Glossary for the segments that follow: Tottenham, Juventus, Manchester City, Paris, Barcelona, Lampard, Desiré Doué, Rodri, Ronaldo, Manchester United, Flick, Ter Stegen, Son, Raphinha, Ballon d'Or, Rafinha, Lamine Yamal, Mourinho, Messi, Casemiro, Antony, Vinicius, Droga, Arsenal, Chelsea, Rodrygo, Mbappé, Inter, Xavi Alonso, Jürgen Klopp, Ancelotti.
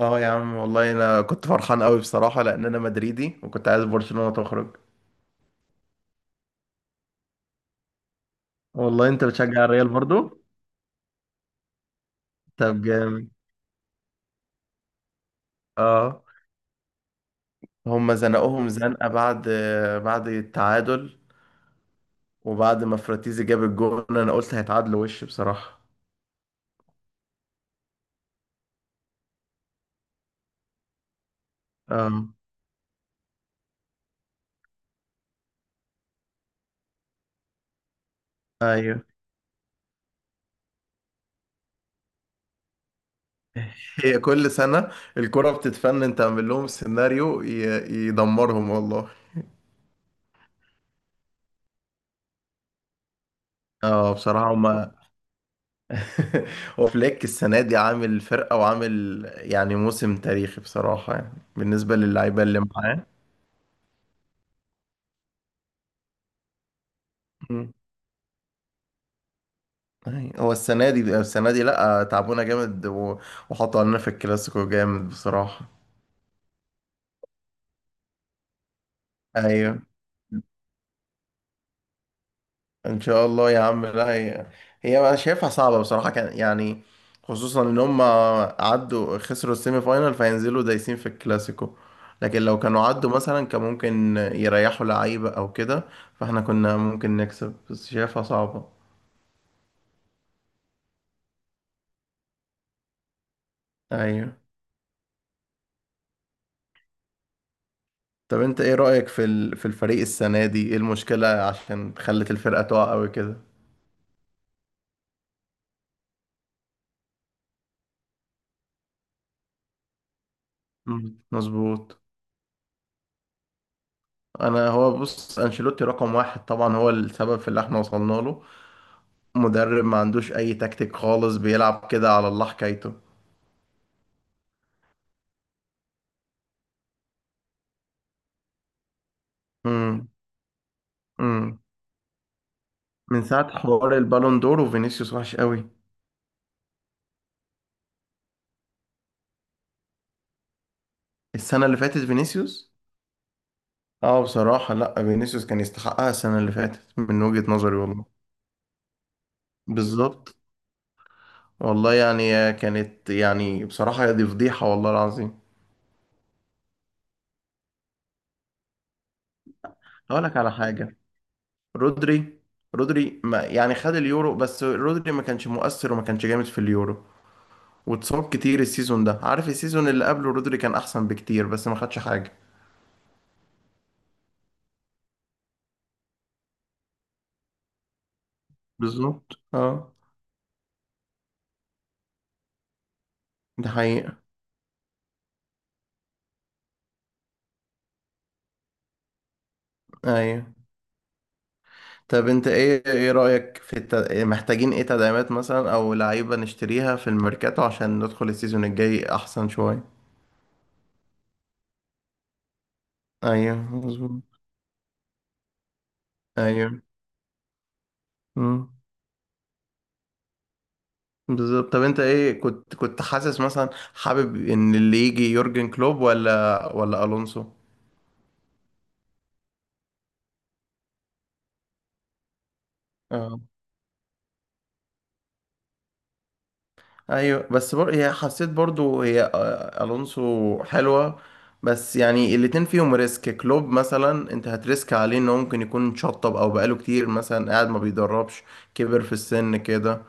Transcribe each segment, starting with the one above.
اه، يا عم، والله انا كنت فرحان قوي بصراحه لان انا مدريدي وكنت عايز برشلونه تخرج. والله انت بتشجع الريال برضو؟ طب، جامد. اه. هم زنقوهم زنقه بعد التعادل، وبعد ما فراتيزي جاب الجون انا قلت هيتعادلوا وش بصراحه. اه، ايوه. هي كل سنه الكره بتتفنن تعمل لهم سيناريو يدمرهم والله. اه، بصراحه هم. هو فليك السنة دي عامل فرقة وعامل، يعني، موسم تاريخي بصراحة، يعني بالنسبة للعيبة اللي معاه. مم. أي، هو السنة دي لأ تعبونا جامد وحطوا علينا في الكلاسيكو جامد بصراحة. أيوه. ان شاء الله يا عم. لا، هي انا شايفها صعبه بصراحه، كان يعني، خصوصا ان هم عدوا خسروا السيمي فاينال فينزلوا دايسين في الكلاسيكو. لكن لو كانوا عدوا مثلا كان ممكن يريحوا لعيبه او كده، فاحنا كنا ممكن نكسب، بس شايفها صعبه. ايوه. طب انت ايه رايك في الفريق السنه دي؟ ايه المشكله عشان خلت الفرقه تقع قوي كده؟ مم. مظبوط. انا، هو بص، انشيلوتي رقم واحد طبعا، هو السبب في اللي احنا وصلنا له. مدرب ما عندوش اي تكتيك خالص، بيلعب كده على الله حكايته. امم امم من ساعة حوار البالون دور وفينيسيوس وحش قوي. السنة اللي فاتت فينيسيوس. اه، بصراحة، لا، فينيسيوس كان يستحقها السنة اللي فاتت من وجهة نظري والله. بالظبط. والله، يعني كانت، يعني بصراحة، دي فضيحة والله العظيم. هقول لك على حاجة. رودري رودري ما، يعني، خد اليورو، بس رودري ما كانش مؤثر وما كانش جامد في اليورو. واتصاب كتير السيزون ده، عارف، السيزون اللي قبله رودري كان احسن بكتير، بس ما خدش حاجه. بالظبط. اه. ده حقيقه. ايوه. طب انت ايه رايك محتاجين ايه تدعيمات مثلا، او لعيبه نشتريها في الميركاتو، عشان ندخل السيزون الجاي احسن شويه؟ ايوه، مظبوط. ايوه. امم. بالظبط. طب انت ايه، كنت حاسس مثلا، حابب ان اللي يجي يورجن كلوب ولا الونسو؟ ايوه، بس هي حسيت برضو، هي الونسو حلوه. بس يعني الاتنين فيهم ريسك. كلوب مثلا، انت هتريسك عليه انه ممكن يكون شطب، او بقاله كتير مثلا قاعد ما بيدربش، كبر في السن كده.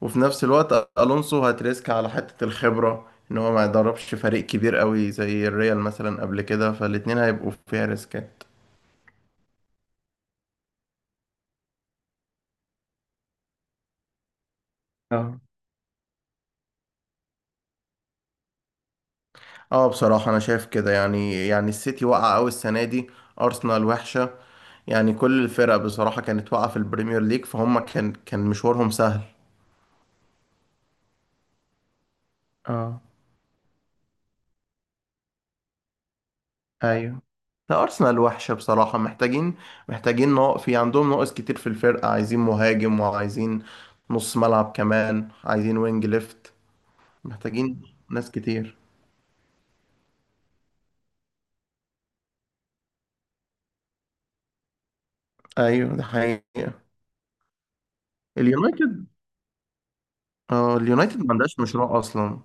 وفي نفس الوقت الونسو هتريسك على حته الخبره، ان هو ما يدربش فريق كبير قوي زي الريال مثلا قبل كده، فالاتنين هيبقوا فيها ريسكات. اه، اه، بصراحة أنا شايف كده، يعني السيتي وقع أوي السنة دي. أرسنال وحشة. يعني كل الفرق بصراحة كانت واقعة في البريمير ليج، فهم كان مشوارهم سهل. اه. ايوه. لا، أرسنال وحشة بصراحة، محتاجين في عندهم ناقص كتير في الفرقة، عايزين مهاجم، وعايزين نص ملعب كمان، عايزين وينج ليفت. محتاجين ناس كتير. أيوة، ده حقيقة. اليونايتد. اه، اليونايتد ما عندهاش مشروع أصلا.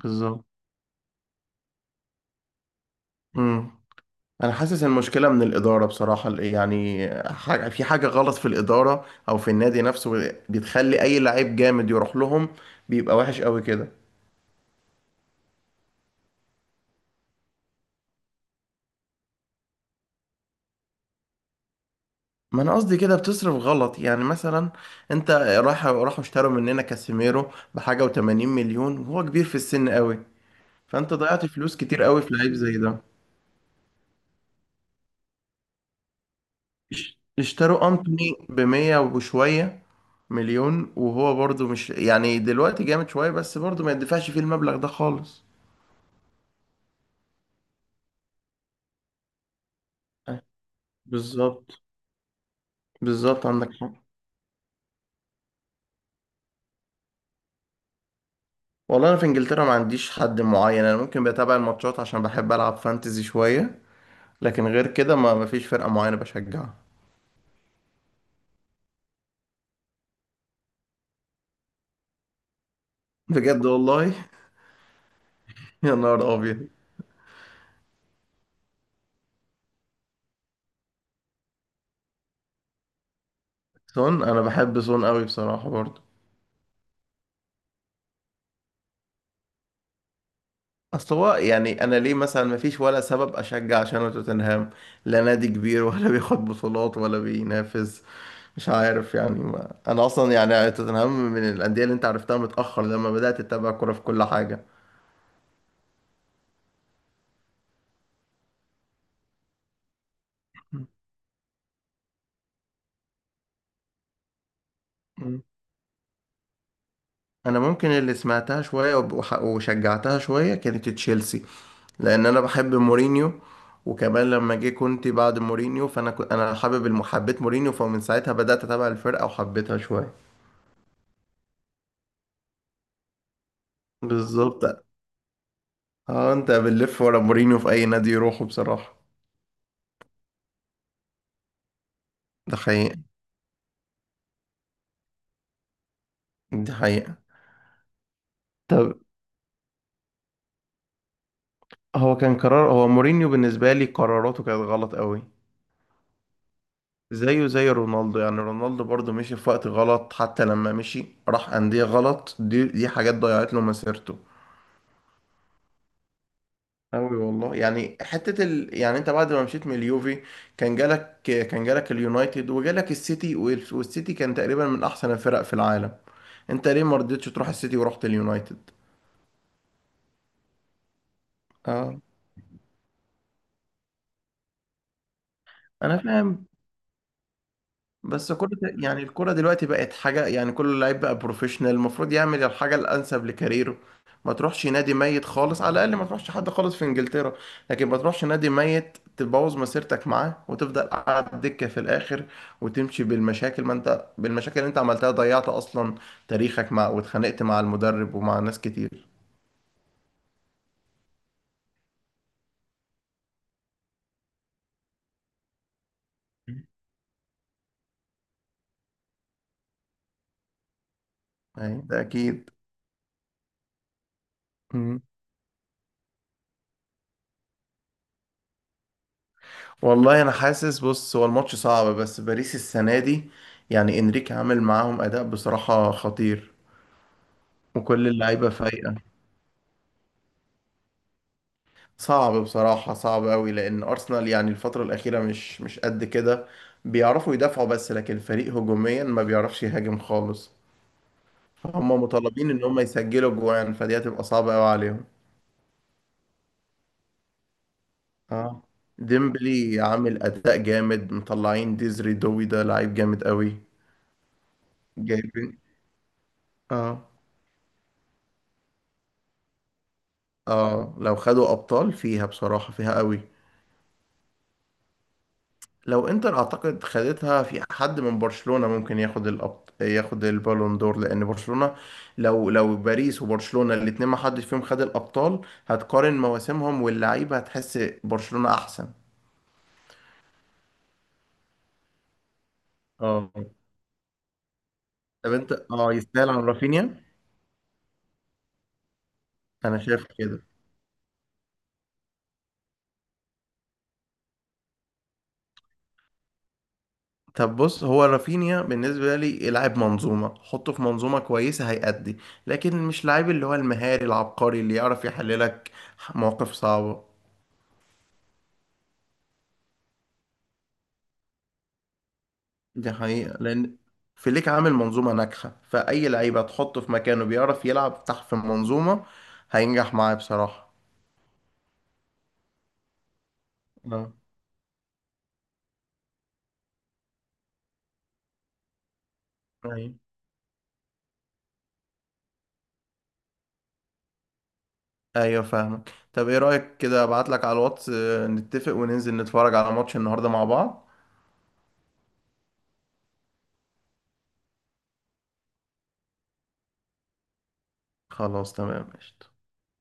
بالظبط. انا حاسس المشكله من الاداره بصراحه، يعني، في حاجه غلط في الاداره او في النادي نفسه، بتخلي اي لعيب جامد يروح لهم، بيبقى وحش قوي كده. ما انا قصدي كده بتصرف غلط، يعني مثلا، انت راحوا اشتروا مننا كاسيميرو بحاجه و80 مليون، وهو كبير في السن قوي. فانت ضيعت فلوس كتير قوي في لعيب زي ده. اشتروا انتوني ب 100 وشويه مليون، وهو برضو مش يعني دلوقتي جامد شويه، بس برضو ما يدفعش فيه المبلغ ده خالص. أه، بالظبط، بالظبط، عندك حق. والله انا في انجلترا ما عنديش حد معين، انا ممكن بتابع الماتشات عشان بحب العب فانتزي شويه. لكن غير كده ما فيش فرقه معينه بشجعها. بجد والله. يا نهار ابيض. سون، انا بحب سون قوي بصراحه برضه. اصل هو يعني انا ليه مثلا، ما فيش ولا سبب اشجع عشان توتنهام، لا نادي كبير، ولا بياخد بطولات، ولا بينافس. مش عارف يعني ما. انا اصلا يعني توتنهام من الانديه اللي انت عرفتها متاخر، لما بدات تتابع كوره في كل حاجه. انا ممكن اللي سمعتها شويه وشجعتها شويه كانت تشيلسي، لان انا بحب مورينيو. وكمان لما جه كنت بعد مورينيو، فانا كنت، انا حابب، حبيت مورينيو، فمن ساعتها بدات اتابع الفرقه وحبيتها شويه. بالظبط. اه، انت بنلف ورا مورينيو في اي نادي يروحه بصراحه. ده حقيقه. دي حقيقه. طب، هو كان قرار، هو مورينيو بالنسبه لي قراراته كانت غلط قوي. زيه زي رونالدو، يعني رونالدو برضه مشي في وقت غلط، حتى لما مشي راح أندية غلط، دي حاجات ضيعت له مسيرته. أوي والله، يعني حتة يعني أنت بعد ما مشيت من اليوفي، كان جالك اليونايتد وجالك السيتي والسيتي كان تقريبا من أحسن الفرق في العالم. أنت ليه ما رضيتش تروح السيتي ورحت اليونايتد؟ اه، أنا فاهم. بس كل، يعني الكرة دلوقتي بقت حاجة، يعني كل لعيب بقى بروفيشنال، المفروض يعمل الحاجة الأنسب لكاريره. ما تروحش نادي ميت خالص، على الأقل ما تروحش حد خالص في إنجلترا. لكن ما تروحش نادي ميت تبوظ مسيرتك معاه، وتفضل قاعد دكة في الآخر، وتمشي بالمشاكل، ما أنت بالمشاكل اللي أنت عملتها ضيعت أصلا تاريخك مع، واتخانقت مع المدرب ومع ناس كتير. أي، ده أكيد. والله انا حاسس، بص، هو الماتش صعب، بس باريس السنه دي يعني انريكي عامل معاهم اداء بصراحه خطير، وكل اللعيبه فايقه. صعب بصراحه، صعب قوي، لان ارسنال يعني الفتره الاخيره مش قد كده. بيعرفوا يدافعوا بس، لكن الفريق هجوميا ما بيعرفش يهاجم خالص، فهم مطالبين ان هم يسجلوا جوان، فدي هتبقى صعبه قوي عليهم. اه، ديمبلي عامل اداء جامد، مطلعين ديزري دوي ده لعيب جامد قوي. جايبين. اه، اه، لو خدوا ابطال فيها بصراحة، فيها قوي. لو انتر اعتقد خدتها، في حد من برشلونة ممكن ياخد ياخد البالون دور، لان برشلونة، لو باريس وبرشلونة الاتنين ما حدش فيهم خد الابطال، هتقارن مواسمهم واللعيبة هتحس برشلونة احسن. اه. طب، انت اه، يستاهل عن رافينيا؟ انا شايف كده. طب، بص، هو رافينيا بالنسبه لي لاعب منظومه، حطه في منظومه كويسه هيأدي، لكن مش لاعب اللي هو المهاري العبقري اللي يعرف يحللك مواقف صعبه. دي حقيقة لأن فليك عامل منظومة ناجحة، فأي لعيب هتحطه في مكانه بيعرف يلعب تحت في المنظومة، هينجح معاه بصراحة. اه. أيوة، أيوة، فاهمك. طب، إيه رأيك كده، أبعتلك على الواتس، نتفق وننزل نتفرج على ماتش النهاردة مع بعض؟ خلاص، تمام، قشطة.